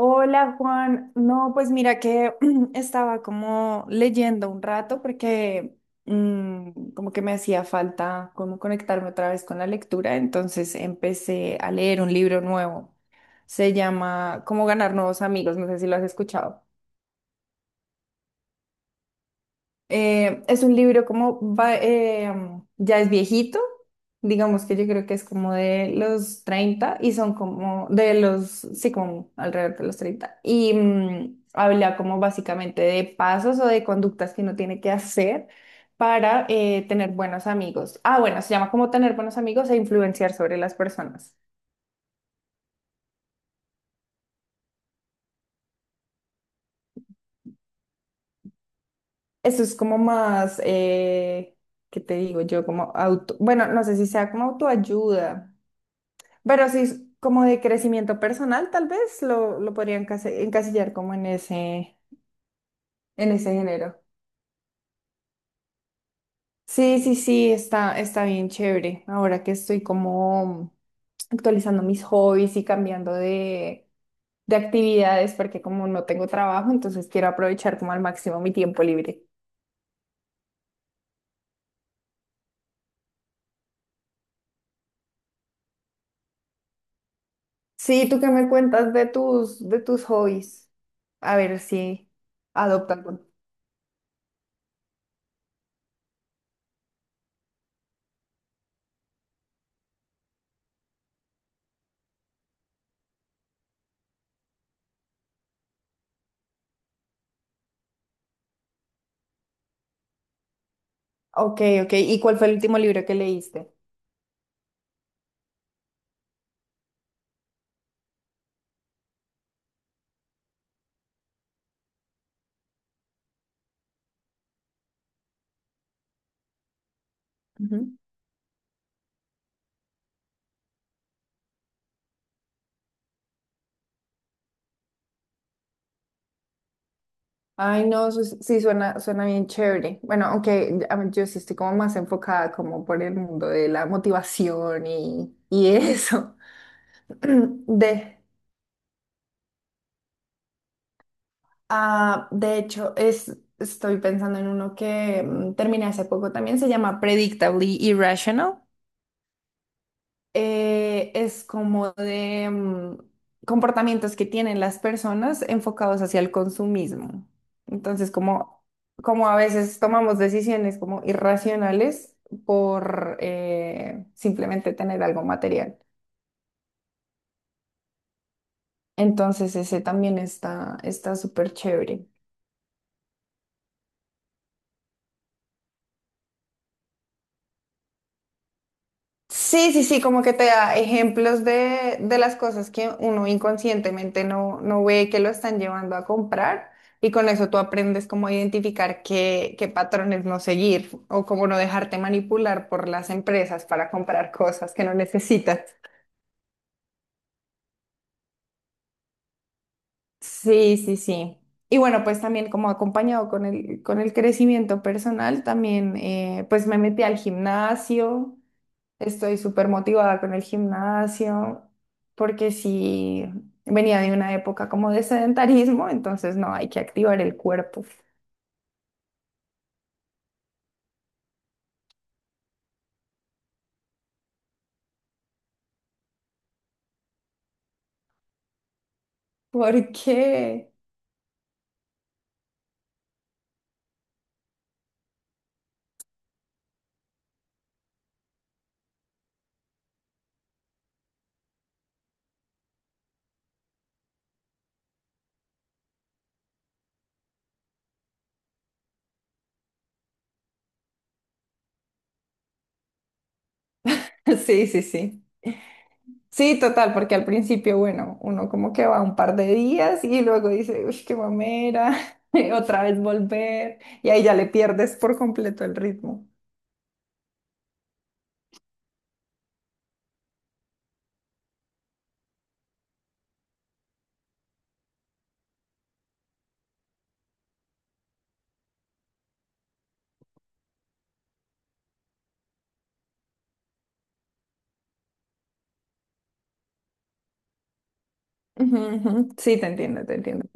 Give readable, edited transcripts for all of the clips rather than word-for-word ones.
Hola Juan, no, pues mira que estaba como leyendo un rato porque mm, como que me hacía falta como conectarme otra vez con la lectura, entonces empecé a leer un libro nuevo. Se llama Cómo ganar nuevos amigos, no sé si lo has escuchado. Es un libro ya es viejito. Digamos que yo creo que es como de los 30 y son como de los, sí, como alrededor de los 30. Habla como básicamente de pasos o de conductas que uno tiene que hacer para tener buenos amigos. Ah, bueno, se llama como tener buenos amigos e influenciar sobre las personas. Eso es como más, ¿qué te digo yo? Como bueno, no sé si sea como autoayuda. Pero sí, es como de crecimiento personal, tal vez lo podrían encasillar como en ese género. Sí, sí, sí, está bien chévere. Ahora que estoy como actualizando mis hobbies y cambiando de actividades, porque como no tengo trabajo, entonces quiero aprovechar como al máximo mi tiempo libre. Sí, ¿tú qué me cuentas de tus hobbies? A ver si adoptan. Ok, ok. ¿Y cuál fue el último libro que leíste? Ujú. Ay, no, sí, suena bien chévere. Bueno, aunque a mí- yo sí estoy como más enfocada como por el mundo de la motivación y eso. De, Ah, de hecho, estoy pensando en uno que terminé hace poco también, se llama Predictably Irrational. Es como de comportamientos que tienen las personas enfocados hacia el consumismo. Entonces, como a veces tomamos decisiones como irracionales por simplemente tener algo material. Entonces, ese también está súper chévere. Sí, sí, sí, como que te da ejemplos de las cosas que uno inconscientemente no ve que lo están llevando a comprar, y con eso tú aprendes cómo identificar qué, qué patrones no seguir o cómo no dejarte manipular por las empresas para comprar cosas que no necesitas. Sí, sí, sí. Y bueno, pues también como acompañado con el crecimiento personal, también pues me metí al gimnasio. Estoy súper motivada con el gimnasio porque sí venía de una época como de sedentarismo, entonces no, hay que activar el cuerpo. ¿Por qué? Sí, sí, sí. Sí, total, porque al principio, bueno, uno como que va un par de días y luego dice, uy, qué mamera, y otra vez volver, y ahí ya le pierdes por completo el ritmo. Ujú, ujú. Sí, te entiendo, te entiendo.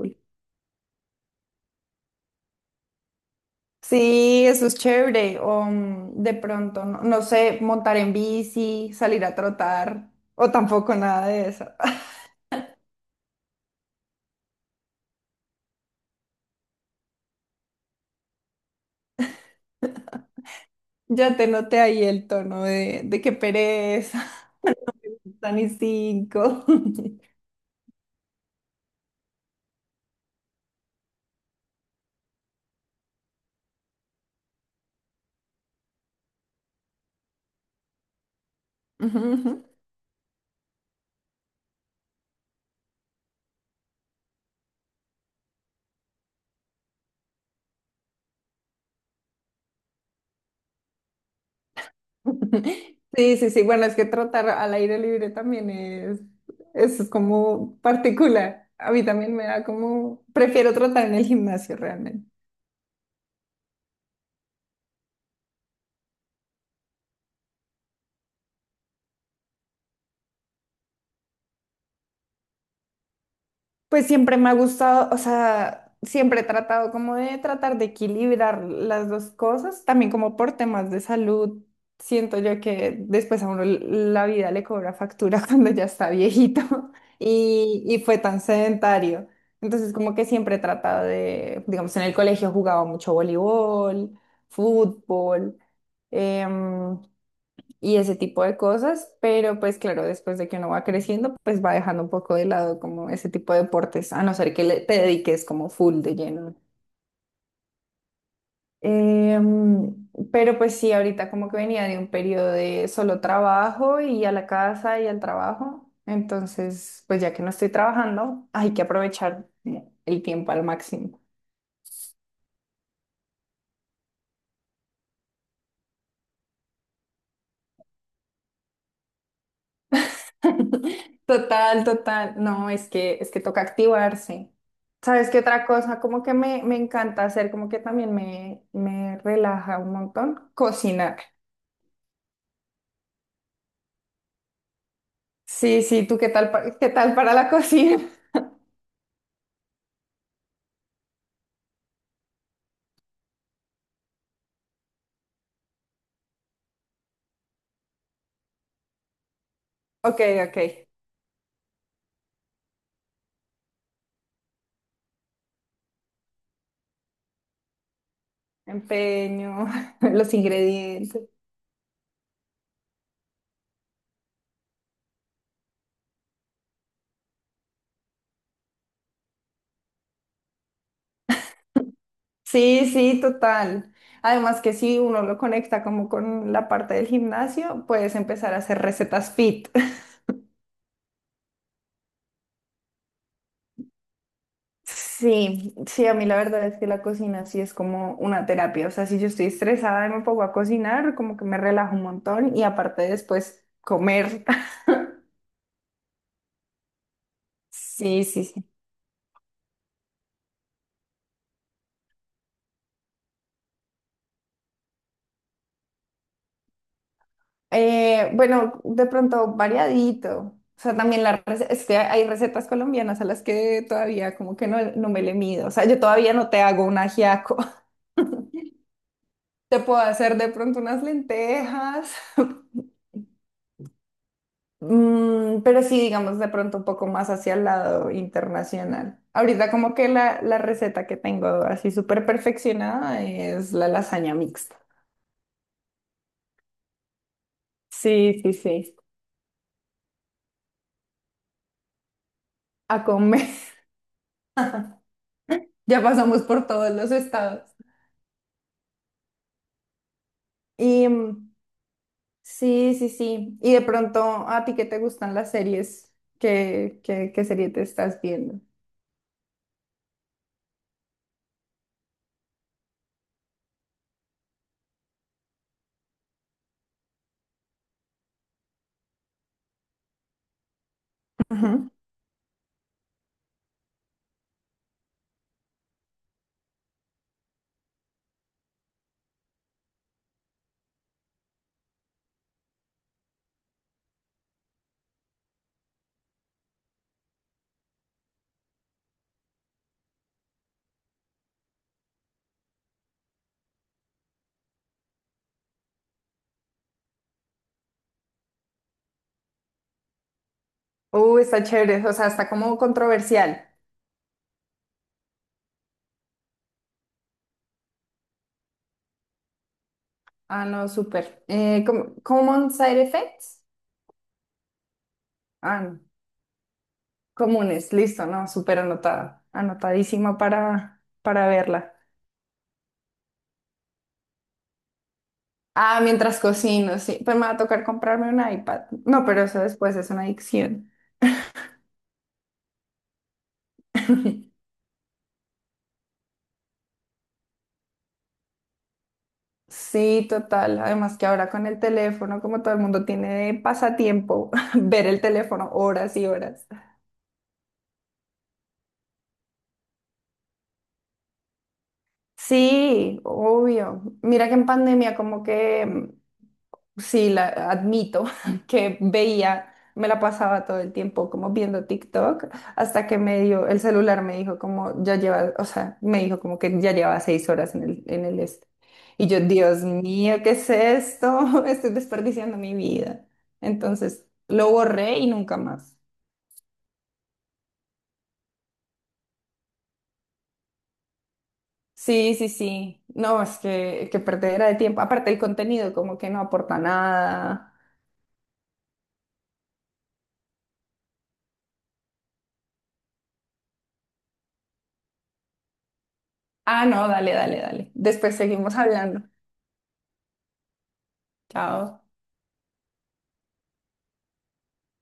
Sí, eso es chévere. O de pronto, no, no sé, montar en bici, salir a trotar, o tampoco nada de eso. Ya te noté ahí el tono de qué pereza, tan y cinco. Ujú, ujú. Sí, sí, sí. Bueno, es que trotar al aire libre también es como particular. A mí también me da como, prefiero trotar en el gimnasio realmente. Pues siempre me ha gustado, o sea, siempre he tratado como de tratar de equilibrar las dos cosas, también como por temas de salud. Siento yo que después a uno la vida le cobra factura cuando ya está viejito y fue tan sedentario. Entonces como que siempre he tratado de, digamos, en el colegio jugaba mucho voleibol, fútbol. em, y ese tipo de cosas, pero pues claro, después de que uno va creciendo, pues va dejando un poco de lado como ese tipo de deportes, a no ser que te dediques como full de lleno. Pero pues sí, ahorita como que venía de un periodo de solo trabajo y a la casa y al trabajo, entonces pues ya que no estoy trabajando, hay que aprovechar el tiempo al máximo. Total, total. No, es que toca activarse. ¿Sabes qué otra cosa? Como que me encanta hacer, como que también me relaja un montón. Cocinar. Sí, sí, ¿tú qué tal, qué tal para la cocina? Ok, ok. Empeño, los ingredientes. Sí, sí, total. Además que si uno lo conecta como con la parte del gimnasio, puedes empezar a hacer recetas fit. Sí, sí, a mí la verdad es que la cocina sí es como una terapia. O sea, si yo estoy estresada y me pongo a cocinar, como que me relajo un montón y aparte después comer. Sí, sí, sí. Bueno, de pronto variadito. O sea, también es que hay recetas colombianas a las que todavía como que no me le mido. O sea, yo todavía no te hago un ajiaco. Te puedo hacer de pronto unas lentejas. Pero sí, digamos, de pronto un poco más hacia el lado internacional. Ahorita como que la receta que tengo así súper perfeccionada es la lasaña mixta. Sí, sí, sí. A comer. Ya pasamos por todos los estados. Y sí, sí, sí. Y de pronto, ¿a ti qué te gustan las series? ¿Qué serie te estás viendo? Ujú. Está chévere. O sea, está como controversial. Ah, no, súper. ¿ Common Side Effects? Ah, no. Comunes, listo, ¿no? Súper anotada, anotadísima para verla. Ah, mientras cocino, sí, pues me va a tocar comprarme un iPad. No, pero eso después es una adicción. Sí, total. Además que ahora con el teléfono, como todo el mundo tiene de pasatiempo, ver el teléfono horas y horas. Sí, obvio. Mira que en pandemia como que sí, admito que veía, me la pasaba todo el tiempo como viendo TikTok, hasta que me dio, el celular me dijo como, ya lleva, o sea, me dijo como que ya lleva 6 horas en el este. Y yo, Dios mío, ¿qué es esto? Estoy desperdiciando mi vida. Entonces, lo borré y nunca más. Sí, sí, sí. No, es que perdera de tiempo. Aparte, el contenido como que no aporta nada. Ah, no, dale, dale, dale. Después seguimos hablando. Chao.